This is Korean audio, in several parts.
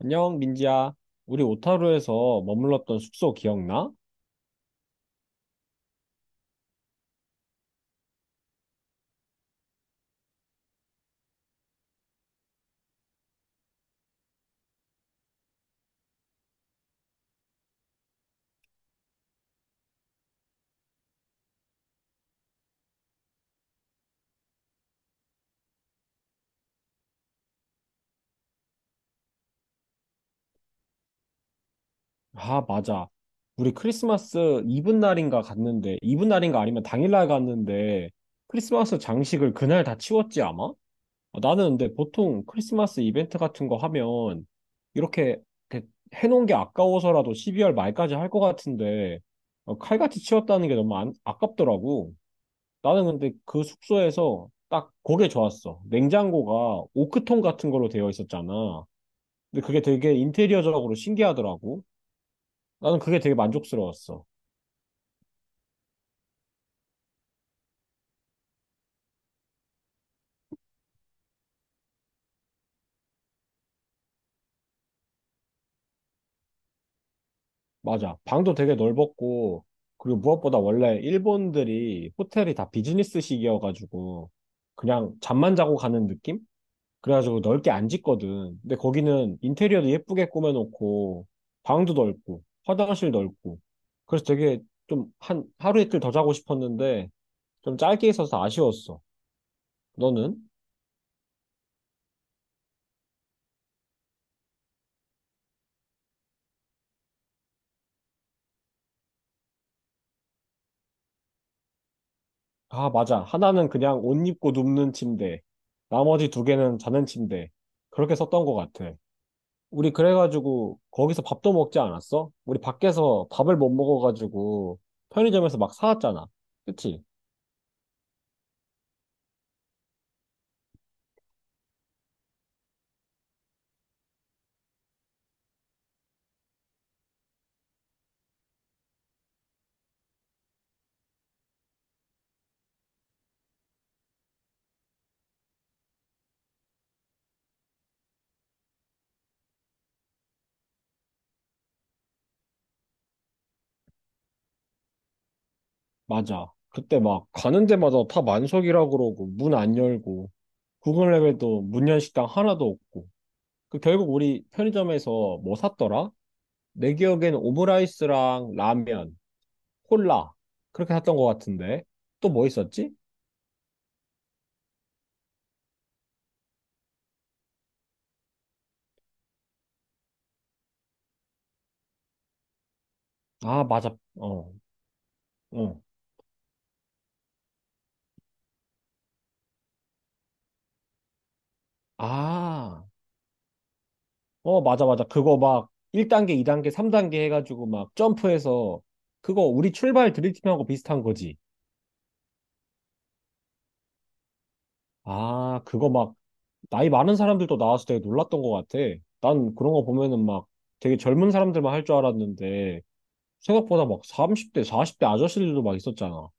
안녕, 민지야. 우리 오타루에서 머물렀던 숙소 기억나? 아, 맞아. 우리 크리스마스 이브 날인가 갔는데, 이브 날인가 아니면 당일날 갔는데, 크리스마스 장식을 그날 다 치웠지, 아마? 어, 나는 근데 보통 크리스마스 이벤트 같은 거 하면, 이렇게, 이렇게 해놓은 게 아까워서라도 12월 말까지 할 것 같은데, 어, 칼같이 치웠다는 게 너무 아깝더라고. 나는 근데 그 숙소에서 딱 그게 좋았어. 냉장고가 오크통 같은 걸로 되어 있었잖아. 근데 그게 되게 인테리어적으로 신기하더라고. 나는 그게 되게 만족스러웠어. 맞아. 방도 되게 넓었고, 그리고 무엇보다 원래 일본들이 호텔이 다 비즈니스식이어가지고, 그냥 잠만 자고 가는 느낌? 그래가지고 넓게 안 짓거든. 근데 거기는 인테리어도 예쁘게 꾸며놓고, 방도 넓고, 화장실 넓고, 그래서 되게 좀 한 하루 이틀 더 자고 싶었는데, 좀 짧게 있어서 아쉬웠어. 너는? 아, 맞아. 하나는 그냥 옷 입고 눕는 침대. 나머지 두 개는 자는 침대. 그렇게 썼던 것 같아. 우리 그래가지고 거기서 밥도 먹지 않았어? 우리 밖에서 밥을 못 먹어가지고 편의점에서 막 사왔잖아. 그치? 맞아. 그때 막 가는 데마다 다 만석이라고 그러고 문 안 열고 구글 맵에도 문연 식당 하나도 없고 그 결국 우리 편의점에서 뭐 샀더라? 내 기억엔 오므라이스랑 라면, 콜라, 그렇게 샀던 것 같은데. 또 뭐 있었지? 아 맞아, 어 어. 아, 어 맞아 맞아. 그거 막 1단계 2단계 3단계 해가지고 막 점프해서, 그거 우리 출발 드림팀하고 비슷한 거지. 아 그거 막 나이 많은 사람들도 나와서 되게 놀랐던 것 같아. 난 그런 거 보면은 막 되게 젊은 사람들만 할 줄 알았는데 생각보다 막 30대 40대 아저씨들도 막 있었잖아.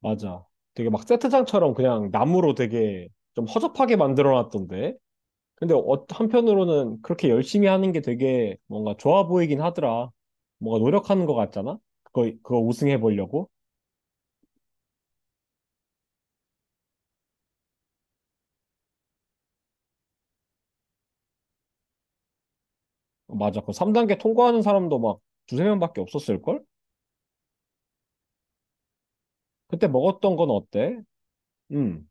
맞아, 되게 막 세트장처럼 그냥 나무로 되게 좀 허접하게 만들어 놨던데. 근데 한편으로는 그렇게 열심히 하는 게 되게 뭔가 좋아 보이긴 하더라. 뭔가 노력하는 것 같잖아? 그거 우승해 보려고? 맞아. 그 3단계 통과하는 사람도 막 두세 명밖에 없었을걸? 그때 먹었던 건 어때? 음,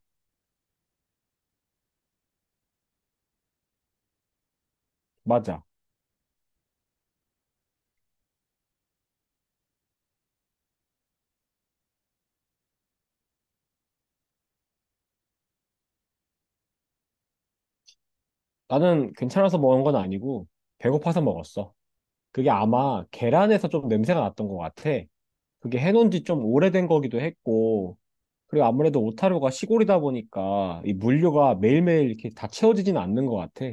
맞아. 나는 괜찮아서 먹은 건 아니고, 배고파서 먹었어. 그게 아마 계란에서 좀 냄새가 났던 것 같아. 그게 해놓은 지 좀 오래된 거기도 했고, 그리고 아무래도 오타루가 시골이다 보니까 이 물류가 매일매일 이렇게 다 채워지진 않는 것 같아.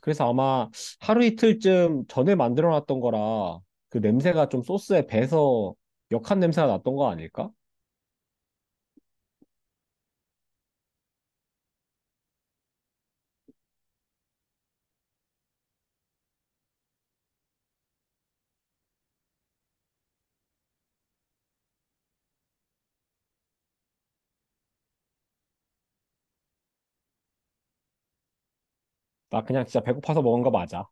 그래서 아마 하루 이틀쯤 전에 만들어 놨던 거라 그 냄새가 좀 소스에 배서 역한 냄새가 났던 거 아닐까? 나 그냥 진짜 배고파서 먹은 거 맞아.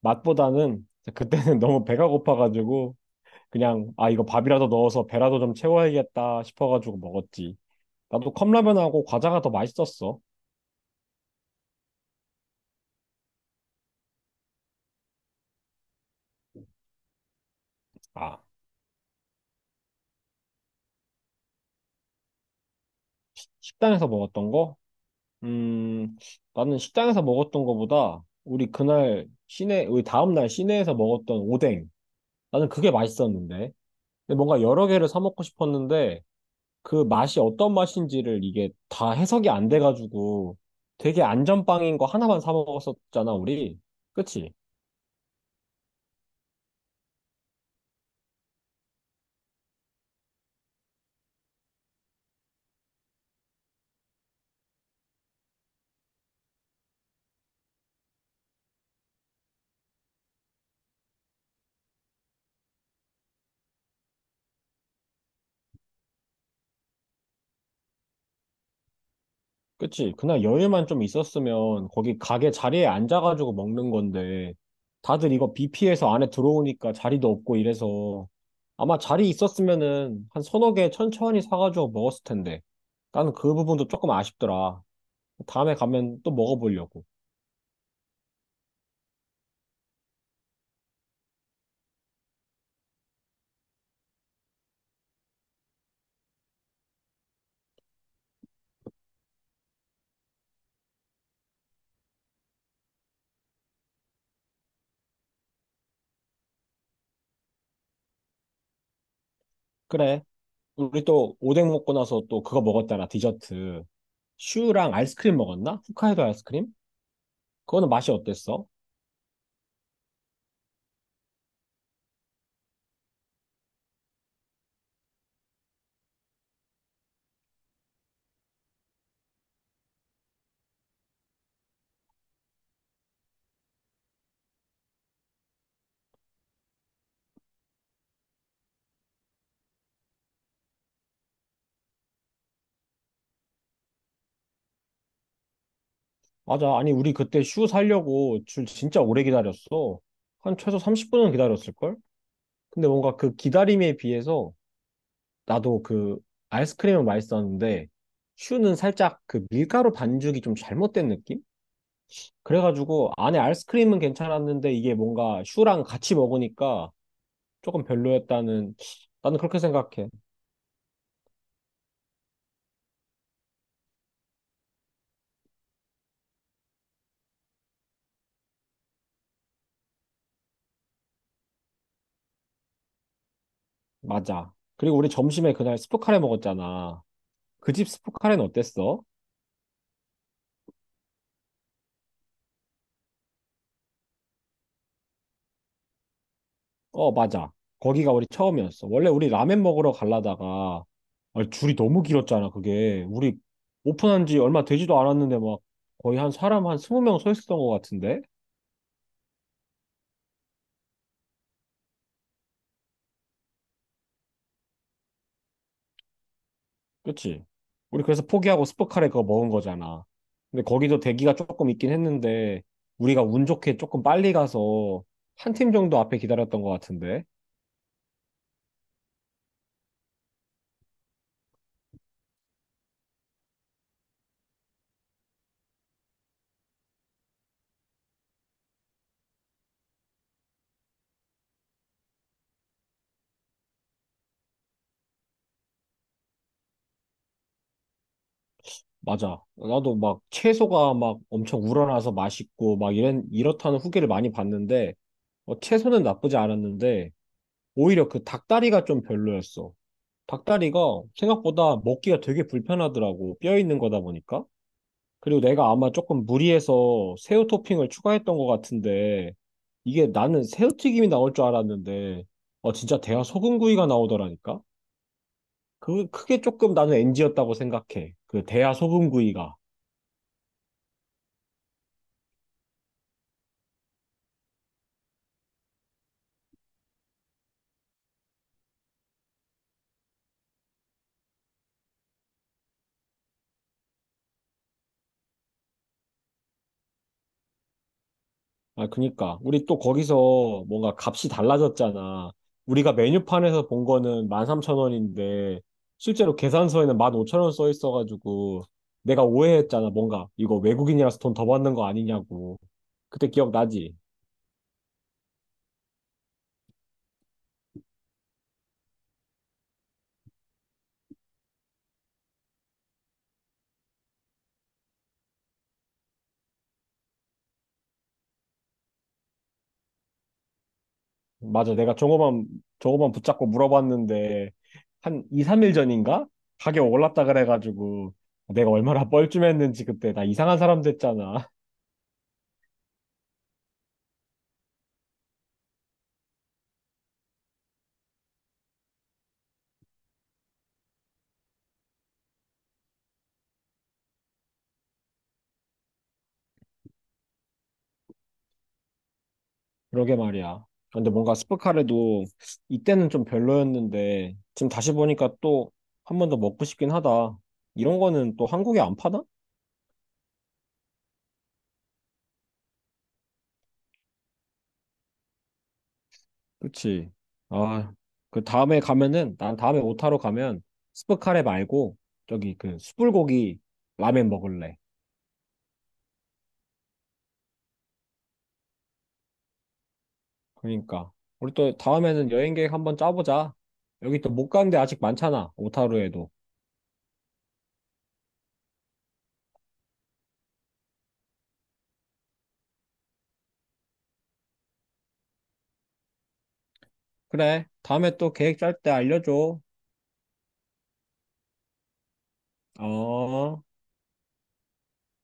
맛보다는 그때는 너무 배가 고파가지고 그냥 아 이거 밥이라도 넣어서 배라도 좀 채워야겠다 싶어가지고 먹었지. 나도 컵라면하고 과자가 더 맛있었어. 아, 식당에서 먹었던 거? 음, 나는 식당에서 먹었던 거보다 우리 그날 시내, 우리 다음 날 시내에서 먹었던 오뎅, 나는 그게 맛있었는데 근데 뭔가 여러 개를 사 먹고 싶었는데 그 맛이 어떤 맛인지를 이게 다 해석이 안 돼가지고 되게 안전빵인 거 하나만 사 먹었었잖아, 우리. 그치? 그치. 그날 여유만 좀 있었으면 거기 가게 자리에 앉아가지고 먹는 건데 다들 이거 비 피해서 안에 들어오니까 자리도 없고 이래서 아마 자리 있었으면은 한 서너 개 천천히 사가지고 먹었을 텐데. 나는 그 부분도 조금 아쉽더라. 다음에 가면 또 먹어보려고. 그래. 우리 또 오뎅 먹고 나서 또 그거 먹었잖아. 디저트. 슈랑 아이스크림 먹었나? 홋카이도 아이스크림? 그거는 맛이 어땠어? 맞아. 아니, 우리 그때 슈 살려고 줄 진짜 오래 기다렸어. 한 최소 30분은 기다렸을걸? 근데 뭔가 그 기다림에 비해서, 나도 그 아이스크림은 맛있었는데 슈는 살짝 그 밀가루 반죽이 좀 잘못된 느낌? 그래가지고 안에 아이스크림은 괜찮았는데 이게 뭔가 슈랑 같이 먹으니까 조금 별로였다는, 나는 그렇게 생각해. 맞아. 그리고 우리 점심에 그날 스프카레 먹었잖아. 그 집 스프카레는 어땠어? 어, 맞아. 거기가 우리 처음이었어. 원래 우리 라면 먹으러 가려다가 아, 줄이 너무 길었잖아, 그게. 우리 오픈한 지 얼마 되지도 않았는데 막 거의 한 사람 한 20명 서 있었던 것 같은데? 그치? 우리 그래서 포기하고 스포카레 그거 먹은 거잖아. 근데 거기도 대기가 조금 있긴 했는데 우리가 운 좋게 조금 빨리 가서 한 팀 정도 앞에 기다렸던 것 같은데? 맞아. 나도 막 채소가 막 엄청 우러나서 맛있고 막 이렇다는 후기를 많이 봤는데, 어, 채소는 나쁘지 않았는데 오히려 그 닭다리가 좀 별로였어. 닭다리가 생각보다 먹기가 되게 불편하더라고. 뼈 있는 거다 보니까. 그리고 내가 아마 조금 무리해서 새우 토핑을 추가했던 것 같은데, 이게 나는 새우튀김이 나올 줄 알았는데, 어, 진짜 대하 소금구이가 나오더라니까? 그, 크게 조금 나는 NG였다고 생각해. 그 대하 소금구이가. 아, 그니까. 우리 또 거기서 뭔가 값이 달라졌잖아. 우리가 메뉴판에서 본 거는 13,000원인데, 실제로 계산서에는 15,000원 써 있어가지고, 내가 오해했잖아. 뭔가, 이거 외국인이라서 돈 더 받는 거 아니냐고. 그때 기억나지? 맞아. 내가 종업원 붙잡고 물어봤는데, 한 2, 3일 전인가? 가격 올랐다 그래가지고, 내가 얼마나 뻘쭘했는지 그때 나 이상한 사람 됐잖아. 그러게 말이야. 아, 근데 뭔가 스프카레도 이때는 좀 별로였는데 지금 다시 보니까 또 한 번 더 먹고 싶긴 하다. 이런 거는 또 한국에 안 파나? 그치. 아, 그 다음에 가면은 난 다음에 오타로 가면 스프카레 말고 저기 그 숯불고기 라멘 먹을래. 그러니까 우리 또 다음에는 여행 계획 한번 짜보자. 여기 또 못 간 데 아직 많잖아. 오타루에도. 그래. 다음에 또 계획 짤 때 알려줘. 어.